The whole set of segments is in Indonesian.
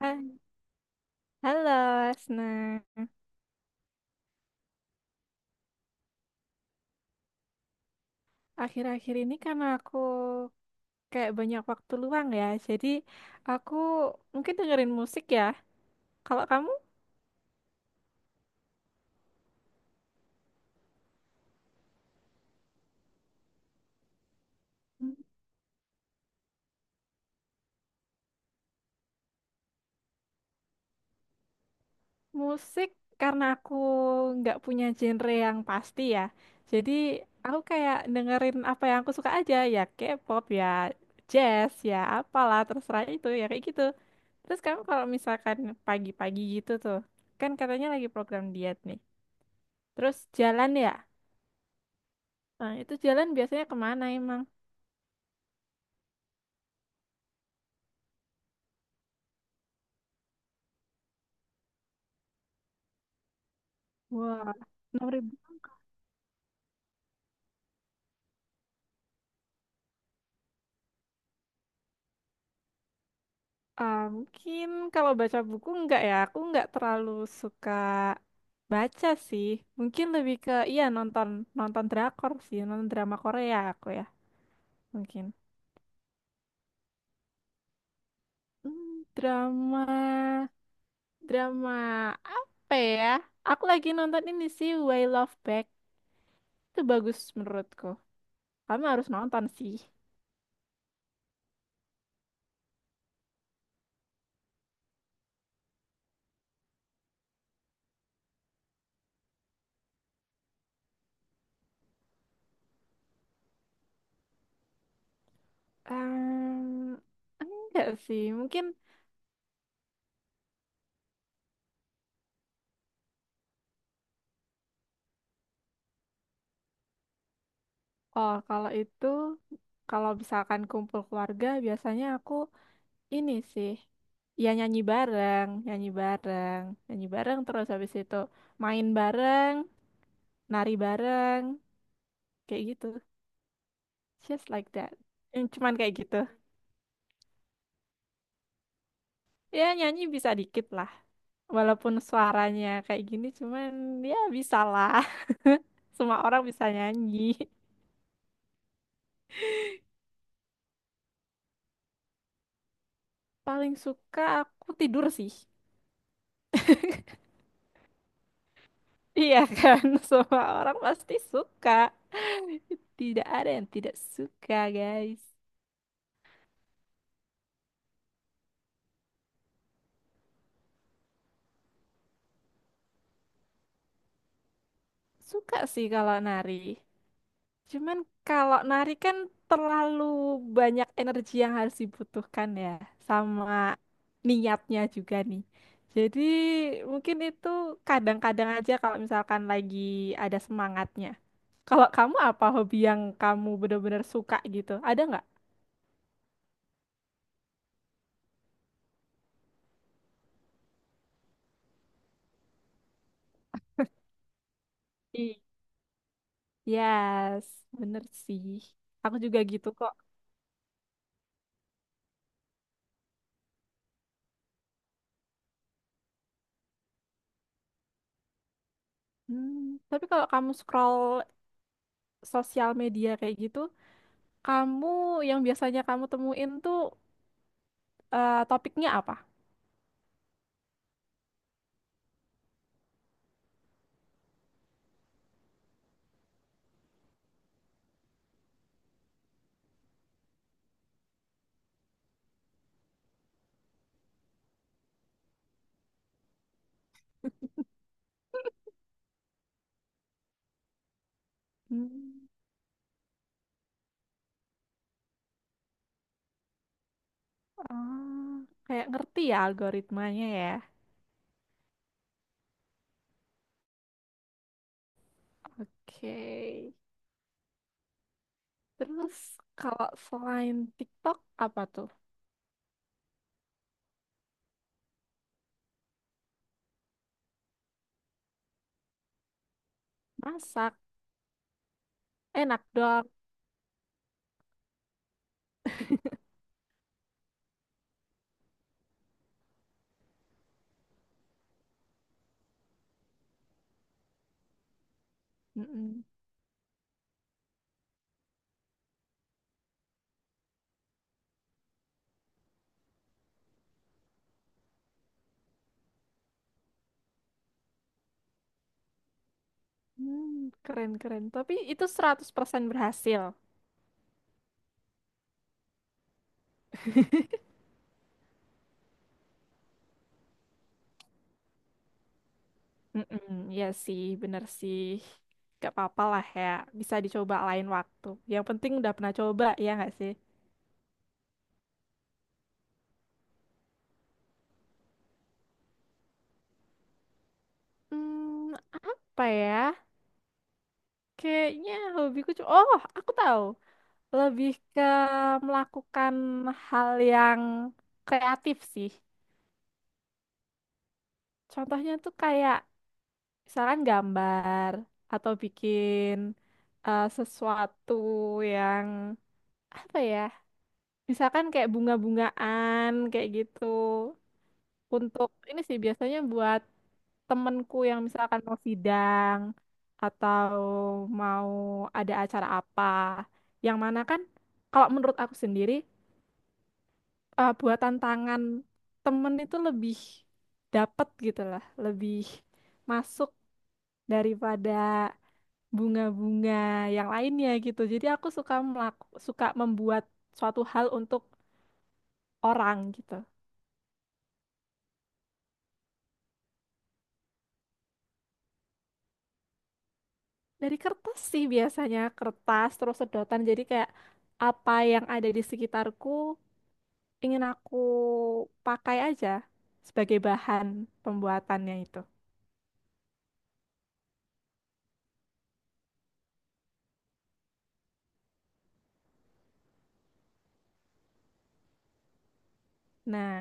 Ha- Halo, Asna. Akhir-akhir ini karena aku kayak banyak waktu luang ya, jadi aku mungkin dengerin musik ya. Kalau kamu Hmm. Musik karena aku nggak punya genre yang pasti ya, jadi aku kayak dengerin apa yang aku suka aja ya, K-pop ya, jazz ya, apalah terserah itu ya kayak gitu. Terus kamu kalau misalkan pagi-pagi gitu tuh, kan katanya lagi program diet nih, terus jalan ya. Nah, itu jalan biasanya kemana emang? Wah, 6.000. Mungkin kalau baca buku enggak ya, aku enggak terlalu suka baca sih. Mungkin lebih ke iya nonton nonton drakor sih, nonton drama Korea aku ya, mungkin. Hmm, drama drama apa ya? Aku lagi nonton ini sih Way Love Back. Itu bagus menurutku. Kamu harus nonton sih. Ehm, enggak sih, mungkin. Oh, kalau itu, kalau misalkan kumpul keluarga, biasanya aku ini sih, ya nyanyi bareng, nyanyi bareng, nyanyi bareng terus habis itu main bareng, nari bareng, kayak gitu. Just like that. Yang Cuman kayak gitu. Ya nyanyi bisa dikit lah. Walaupun suaranya kayak gini, cuman ya bisa lah. Semua orang bisa nyanyi. Paling suka aku tidur sih. Iya kan, semua orang pasti suka. Tidak ada yang tidak suka, guys. Suka sih kalau nari. Cuman kalau nari kan terlalu banyak energi yang harus dibutuhkan ya, sama niatnya juga nih. Jadi mungkin itu kadang-kadang aja kalau misalkan lagi ada semangatnya. Kalau kamu apa hobi yang kamu benar-benar suka gitu? Ada nggak? Yes, bener sih. Aku juga gitu kok. Hmm, tapi kalau kamu scroll sosial media kayak gitu, kamu yang biasanya kamu temuin tuh topiknya apa? Hmm, ah, kayak ngerti ya algoritmanya ya. Oke. Terus kalau selain TikTok apa tuh? Masak, enak dong. Mm-mm. Hmm, keren-keren. Tapi itu 100% berhasil. Mm-mm, iya sih, bener sih. Gak apa-apa lah ya, bisa dicoba lain waktu. Yang penting udah pernah coba, ya nggak sih? Hmm, apa ya? Kayaknya Oh, aku tahu. Lebih ke melakukan hal yang kreatif sih. Contohnya tuh kayak misalkan gambar atau bikin sesuatu yang apa ya? Misalkan kayak bunga-bungaan kayak gitu. Untuk ini sih biasanya buat temenku yang misalkan mau sidang atau mau ada acara apa yang mana kan kalau menurut aku sendiri buatan tangan temen itu lebih dapet gitu lah lebih masuk daripada bunga-bunga yang lainnya gitu jadi aku suka membuat suatu hal untuk orang gitu. Dari kertas sih biasanya kertas terus sedotan jadi kayak apa yang ada di sekitarku ingin aku pakai aja sebagai bahan pembuatannya itu. Nah,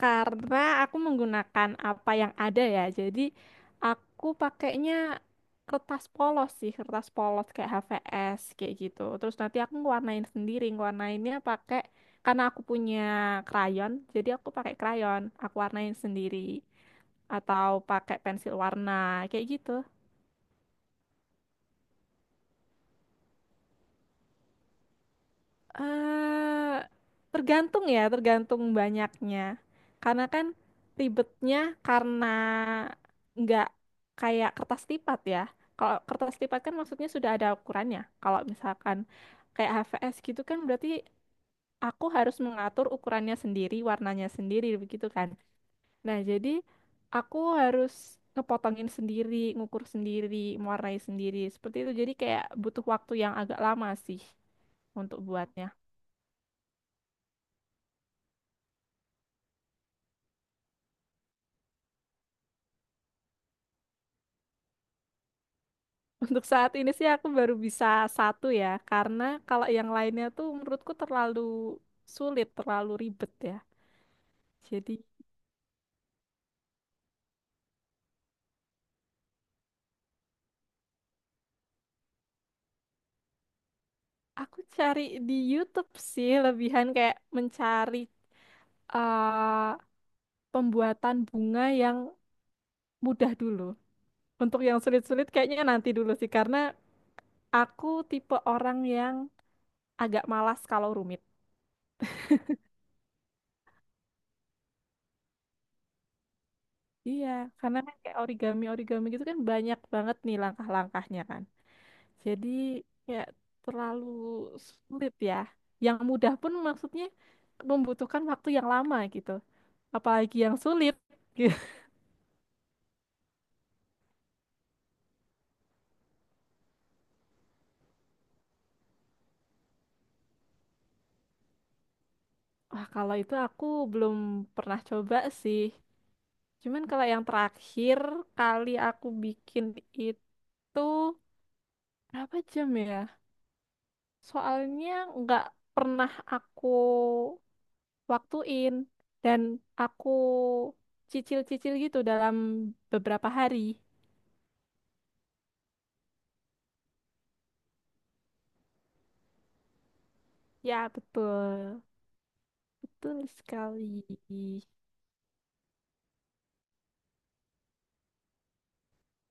karena aku menggunakan apa yang ada ya. Jadi aku pakainya kertas polos sih, kertas polos kayak HVS kayak gitu. Terus nanti aku ngewarnain sendiri, ngewarnainnya pakai karena aku punya krayon, jadi aku pakai krayon, aku warnain sendiri atau pakai pensil warna kayak gitu. Eh, tergantung ya, tergantung banyaknya. Karena kan ribetnya karena nggak kayak kertas lipat ya. Kalau kertas lipat kan maksudnya sudah ada ukurannya. Kalau misalkan kayak HVS gitu kan berarti aku harus mengatur ukurannya sendiri, warnanya sendiri begitu kan. Nah, jadi aku harus ngepotongin sendiri, ngukur sendiri, mewarnai sendiri. Seperti itu. Jadi kayak butuh waktu yang agak lama sih untuk buatnya. Untuk saat ini sih aku baru bisa satu ya, karena kalau yang lainnya tuh menurutku terlalu sulit, terlalu ribet ya. Jadi aku cari di YouTube sih, lebihan kayak mencari eh, pembuatan bunga yang mudah dulu. Untuk yang sulit-sulit kayaknya nanti dulu sih, karena aku tipe orang yang agak malas kalau rumit. Iya, karena kan kayak origami-origami gitu kan banyak banget nih langkah-langkahnya kan. Jadi ya terlalu sulit ya. Yang mudah pun maksudnya membutuhkan waktu yang lama gitu. Apalagi yang sulit. Gitu. Wah, kalau itu aku belum pernah coba sih. Cuman kalau yang terakhir kali aku bikin itu berapa jam ya? Soalnya nggak pernah aku waktuin dan aku cicil-cicil gitu dalam beberapa hari. Ya, betul. Betul sekali.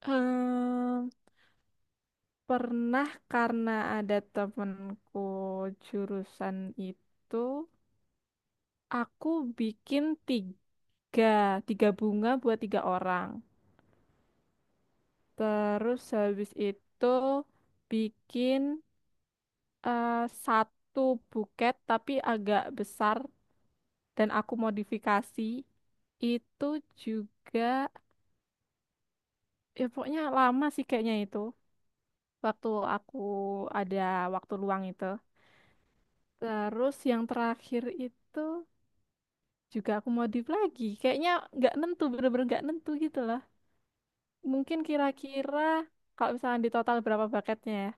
Em, pernah karena ada temenku jurusan itu, aku bikin 3 bunga buat 3 orang. Terus habis itu bikin eh, satu buket tapi agak besar dan aku modifikasi. Itu juga, ya pokoknya lama sih kayaknya itu. Waktu aku ada waktu luang itu. Terus yang terakhir itu juga aku modif lagi. Kayaknya nggak nentu, bener-bener nggak nentu gitu lah. Mungkin kira-kira kalau misalnya di total berapa bucketnya ya?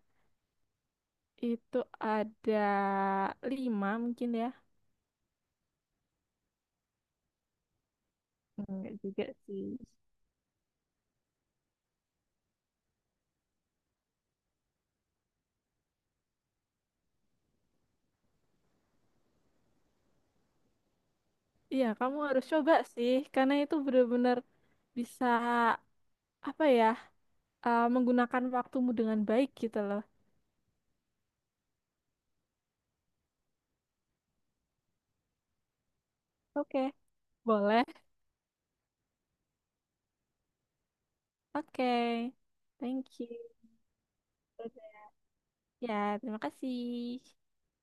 Itu ada 5 mungkin ya. Enggak juga sih. Iya, kamu harus coba sih, karena itu bener-bener bisa apa ya, menggunakan waktumu dengan baik gitu loh. Oke, boleh. Oke, Thank you. Ya, terima kasih.